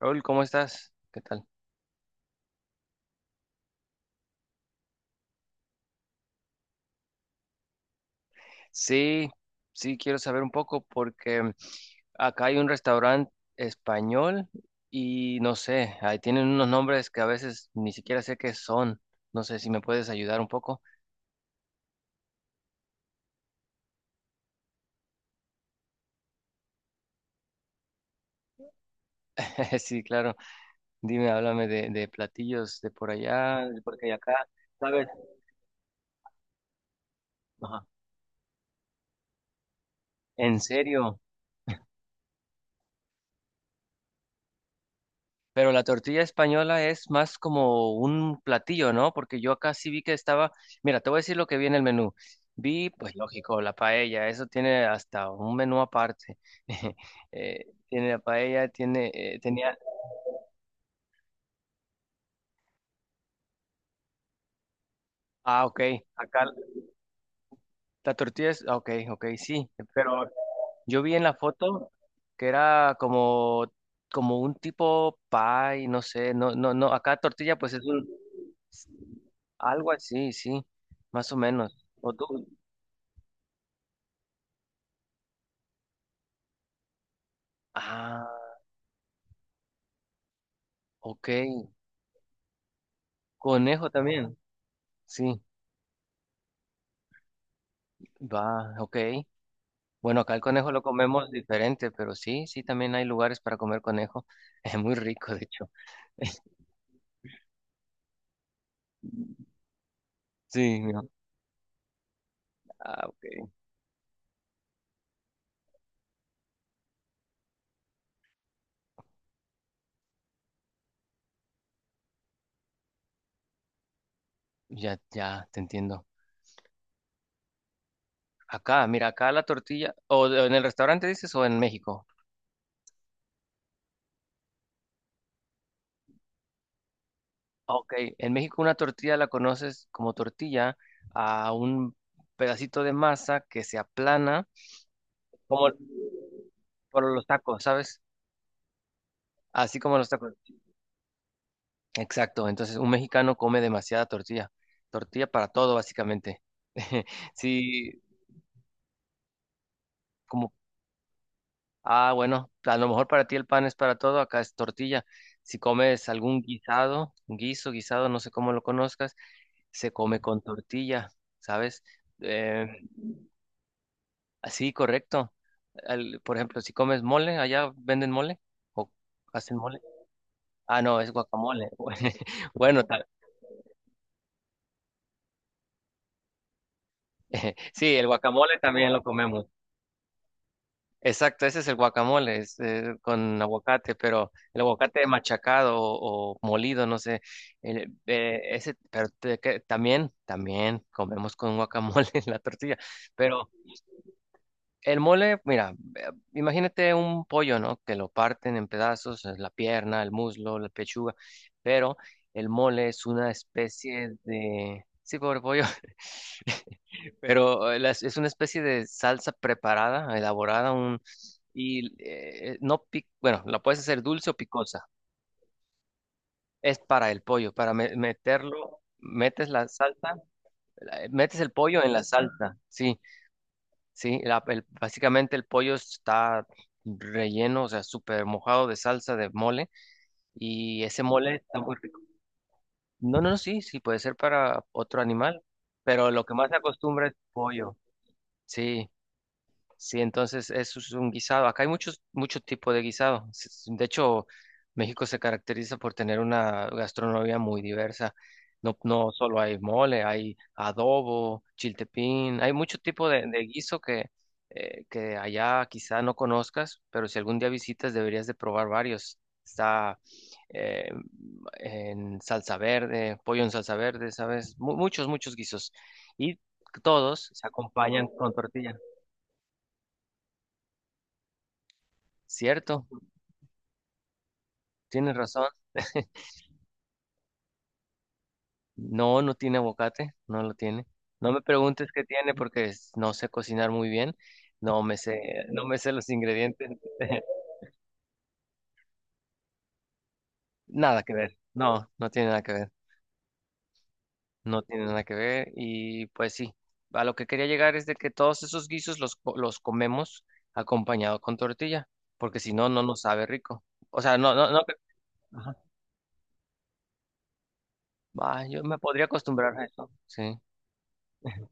Raúl, ¿cómo estás? ¿Qué tal? Sí, sí, quiero saber un poco porque acá hay un restaurante español y no sé, ahí tienen unos nombres que a veces ni siquiera sé qué son. No sé si me puedes ayudar un poco. Sí, claro. Dime, háblame de platillos de por allá, de por acá y acá. ¿Sabes? Ajá. ¿En serio? Pero la tortilla española es más como un platillo, ¿no? Porque yo acá sí vi que estaba, mira, te voy a decir lo que vi en el menú. Vi, pues lógico, la paella, eso tiene hasta un menú aparte. Tiene la paella, tiene, tenía, ah, ok, acá la tortilla es, ah, ok, ok, sí, pero yo vi en la foto que era como, como un tipo pie, no sé, no, acá tortilla pues es un, algo así, sí, más o menos. O tú, ah, ok, conejo también, sí, va, ok. Bueno, acá el conejo lo comemos diferente, pero sí, sí, también hay lugares para comer conejo. Es muy rico, de hecho. Sí, mira. Ah, ok. Ya, ya, te entiendo. Acá, mira, acá la tortilla, o en el restaurante dices, o en México. Ok, en México una tortilla la conoces como tortilla a un pedacito de masa que se aplana como por los tacos, ¿sabes? Así como los tacos. Exacto, entonces un mexicano come demasiada tortilla, tortilla para todo básicamente. Sí, como, ah, bueno, a lo mejor para ti el pan es para todo, acá es tortilla. Si comes algún guisado, guiso, guisado, no sé cómo lo conozcas, se come con tortilla, ¿sabes? Eh, Sí, correcto. Por ejemplo, si comes mole, allá venden mole o hacen mole. Ah, no, es guacamole. Bueno, sí, el guacamole también lo comemos. Exacto, ese es el guacamole, es, con aguacate, pero el aguacate machacado o molido, no sé. El- ese, pero te- que- También, también comemos con guacamole en la tortilla, pero el mole, mira, imagínate un pollo, ¿no? Que lo parten en pedazos, la pierna, el muslo, la pechuga, pero el mole es una especie de... Sí, pobre pollo, pero es una especie de salsa preparada, elaborada, un... y no bueno, la puedes hacer dulce o picosa. Es para el pollo, para meterlo, metes la salsa, metes el pollo en la salsa, sí. Sí, básicamente el pollo está relleno, o sea, súper mojado de salsa de mole y ese mole está muy rico. No, sí, sí, puede ser para otro animal, pero lo que más se acostumbra es pollo. Sí. Sí, entonces eso es un guisado. Acá hay muchos, muchos tipos de guisado. De hecho, México se caracteriza por tener una gastronomía muy diversa. No, no solo hay mole, hay adobo, chiltepín, hay mucho tipo de guiso que allá quizá no conozcas, pero si algún día visitas deberías de probar varios. Está eh, en salsa verde, pollo en salsa verde, ¿sabes? Muchos, muchos guisos. Y todos se acompañan con tortilla, ¿cierto? Tienes razón. No, no tiene aguacate, no lo tiene. No me preguntes qué tiene porque no sé cocinar muy bien. No me sé los ingredientes. Nada que ver. No, no tiene nada que ver. No tiene nada que ver. Y pues sí, a lo que quería llegar es de que todos esos guisos los, los comemos acompañado con tortilla, porque si no, no nos sabe rico. O sea, no. Ajá. Ah, yo me podría acostumbrar a eso. Sí.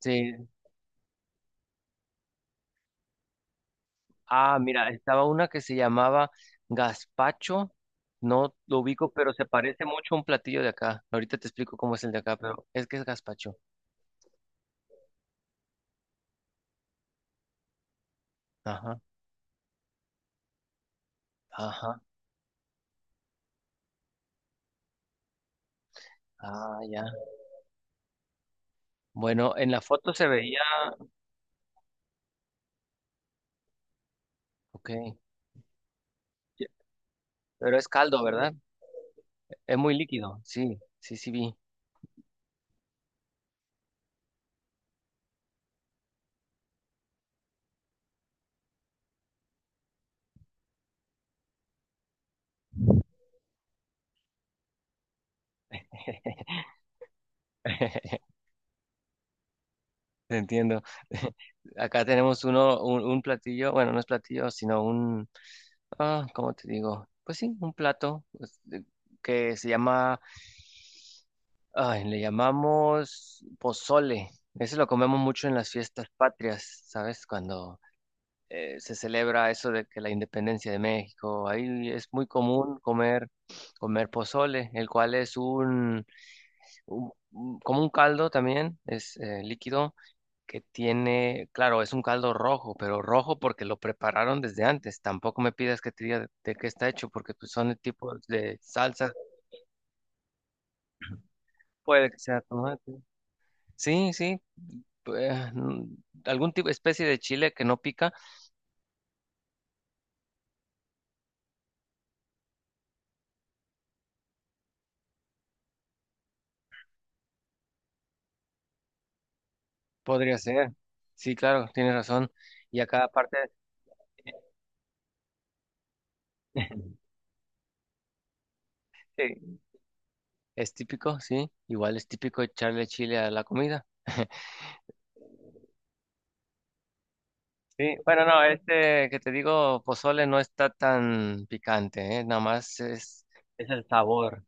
Sí, ah, mira, estaba una que se llamaba gazpacho. No lo ubico, pero se parece mucho a un platillo de acá. Ahorita te explico cómo es el de acá, pero es que es gazpacho. Ajá, ajá, ah, ya. Bueno, en la foto se veía, ok, ya, pero es caldo, ¿verdad? Es muy líquido, sí, sí, sí vi. Te entiendo. Acá tenemos uno, un platillo, bueno, no es platillo, sino un ah, ¿cómo te digo? Pues sí, un plato pues, que se llama, ay, le llamamos pozole. Ese lo comemos mucho en las fiestas patrias, ¿sabes? Cuando se celebra eso de que la independencia de México, ahí es muy común comer, comer pozole, el cual es un, como un caldo también, es líquido que tiene, claro, es un caldo rojo, pero rojo porque lo prepararon desde antes. Tampoco me pidas que te diga de qué está hecho, porque pues, son el tipo de salsa. Puede que sea tomate. Sí, sí. Pues, algún tipo, especie de chile que no pica, podría ser. Sí, claro, tienes razón. Y a cada parte sí, es típico, sí. Igual es típico echarle chile a la comida. Sí, bueno, no, este que te digo, pozole no está tan picante, ¿eh? Nada más es el sabor.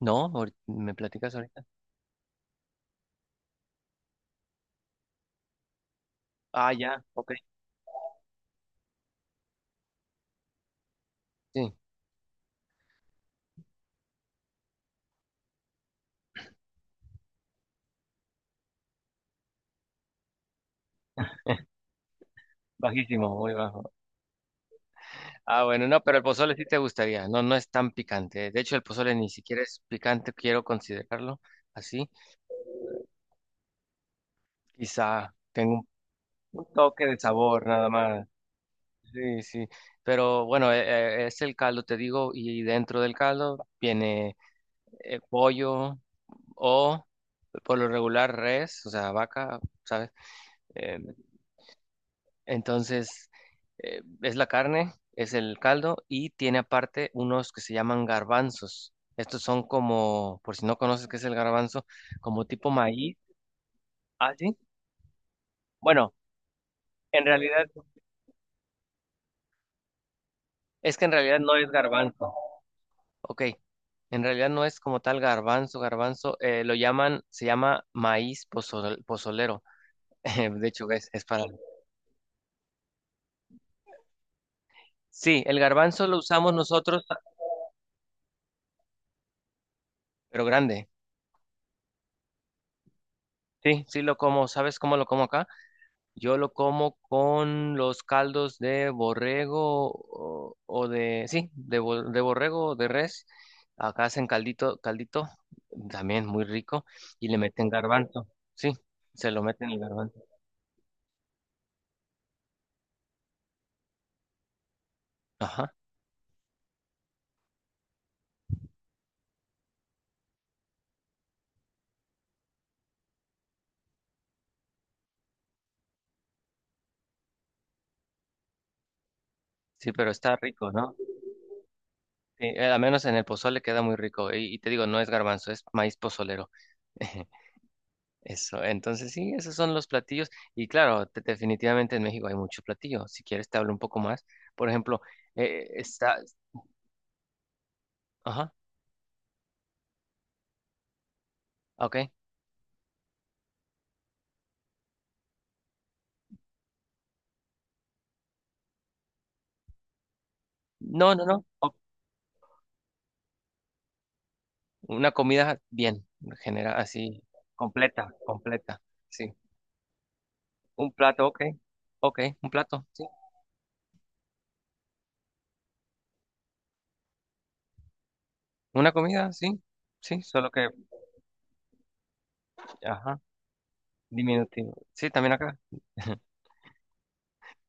¿No? ¿Me platicas ahorita? Ah, ya, ok. Sí, bajísimo, muy bajo. Ah, bueno, no, pero el pozole sí te gustaría, no, no es tan picante, ¿eh? De hecho, el pozole ni siquiera es picante, quiero considerarlo así. Quizá tenga un toque de sabor nada más. Sí, sí, pero bueno, es el caldo, te digo, y dentro del caldo viene pollo. O por lo regular res, o sea, vaca, ¿sabes? Eh, entonces, es la carne, es el caldo y tiene aparte unos que se llaman garbanzos. Estos son como, por si no conoces qué es el garbanzo, como tipo maíz. Ah, sí. Bueno, en realidad, es que en realidad no es garbanzo. Ok, en realidad no es como tal garbanzo, garbanzo, lo llaman, se llama maíz pozolero. De hecho, es para... Sí, el garbanzo lo usamos nosotros pero grande. Sí, sí lo como. ¿Sabes cómo lo como acá? Yo lo como con los caldos de borrego o, sí, de, de borrego o de res. Acá hacen caldito, caldito, también muy rico, y le meten garbanzo. Sí, se lo meten el garbanzo. Ajá. Sí, pero está rico, ¿no? Sí, al menos en el pozole queda muy rico. Y te digo, no es garbanzo, es maíz pozolero. Eso, entonces sí, esos son los platillos. Y claro, definitivamente en México hay muchos platillos. Si quieres te hablo un poco más. Por ejemplo, está... Ajá, ok. No. Una comida bien, general, así, completa, completa. Sí. Un plato, ok. Ok, un plato, sí. Una comida, sí. Sí, solo que... Ajá, diminutivo. Sí, también acá.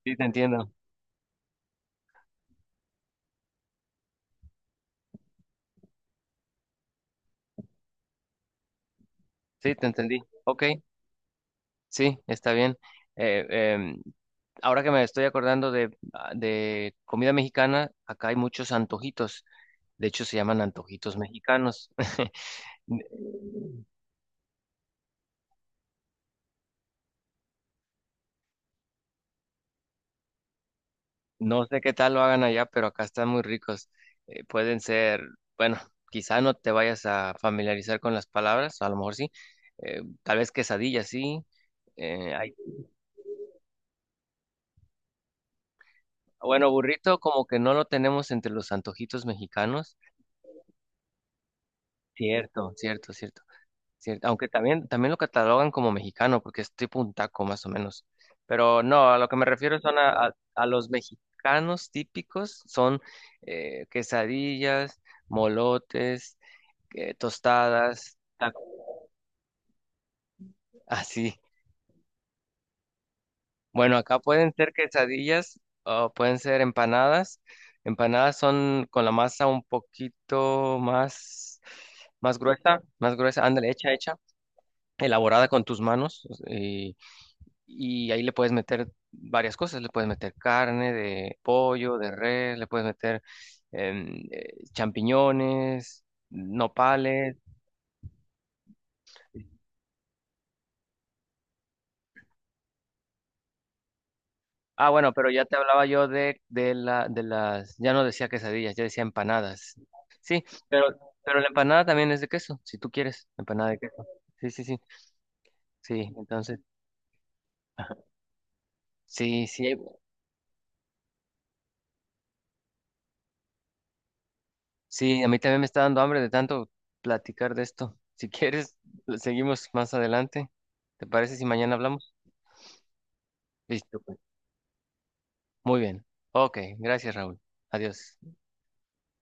Sí, te entiendo. Sí, te entendí. Ok. Sí, está bien. Eh, em, ahora que me estoy acordando de, ah, de comida mexicana, acá hay muchos antojitos. De hecho, se llaman antojitos mexicanos. No sé qué tal lo hagan allá, pero acá están muy ricos. Pueden ser, bueno, quizá no te vayas a familiarizar con las palabras, a lo mejor sí. Tal vez quesadilla, sí. Eh, hay- bueno, burrito como que no lo tenemos entre los antojitos mexicanos. Cierto, cierto, cierto. Cierto, aunque también, también lo catalogan como mexicano, porque es tipo un taco más o menos. Pero no, a lo que me refiero son a los mexicanos típicos, son quesadillas, molotes, tostadas, tacos, así. Bueno, acá pueden ser quesadillas o pueden ser empanadas. Empanadas son con la masa un poquito más, más gruesa, ándale, hecha, hecha, elaborada con tus manos y ahí le puedes meter varias cosas, le puedes meter carne de pollo, de res, le puedes meter champiñones, nopales. Ah, bueno, pero ya te hablaba yo de las, ya no decía quesadillas, ya decía empanadas. Sí, pero, pero la empanada también es de queso, si tú quieres, empanada de queso. Sí, sí, sí, sí, entonces, sí, sí, hay- sí, a mí también me está dando hambre de tanto platicar de esto. Si quieres, seguimos más adelante. ¿Te parece si mañana hablamos? Listo, pues. Muy bien. Ok, gracias, Raúl. Adiós.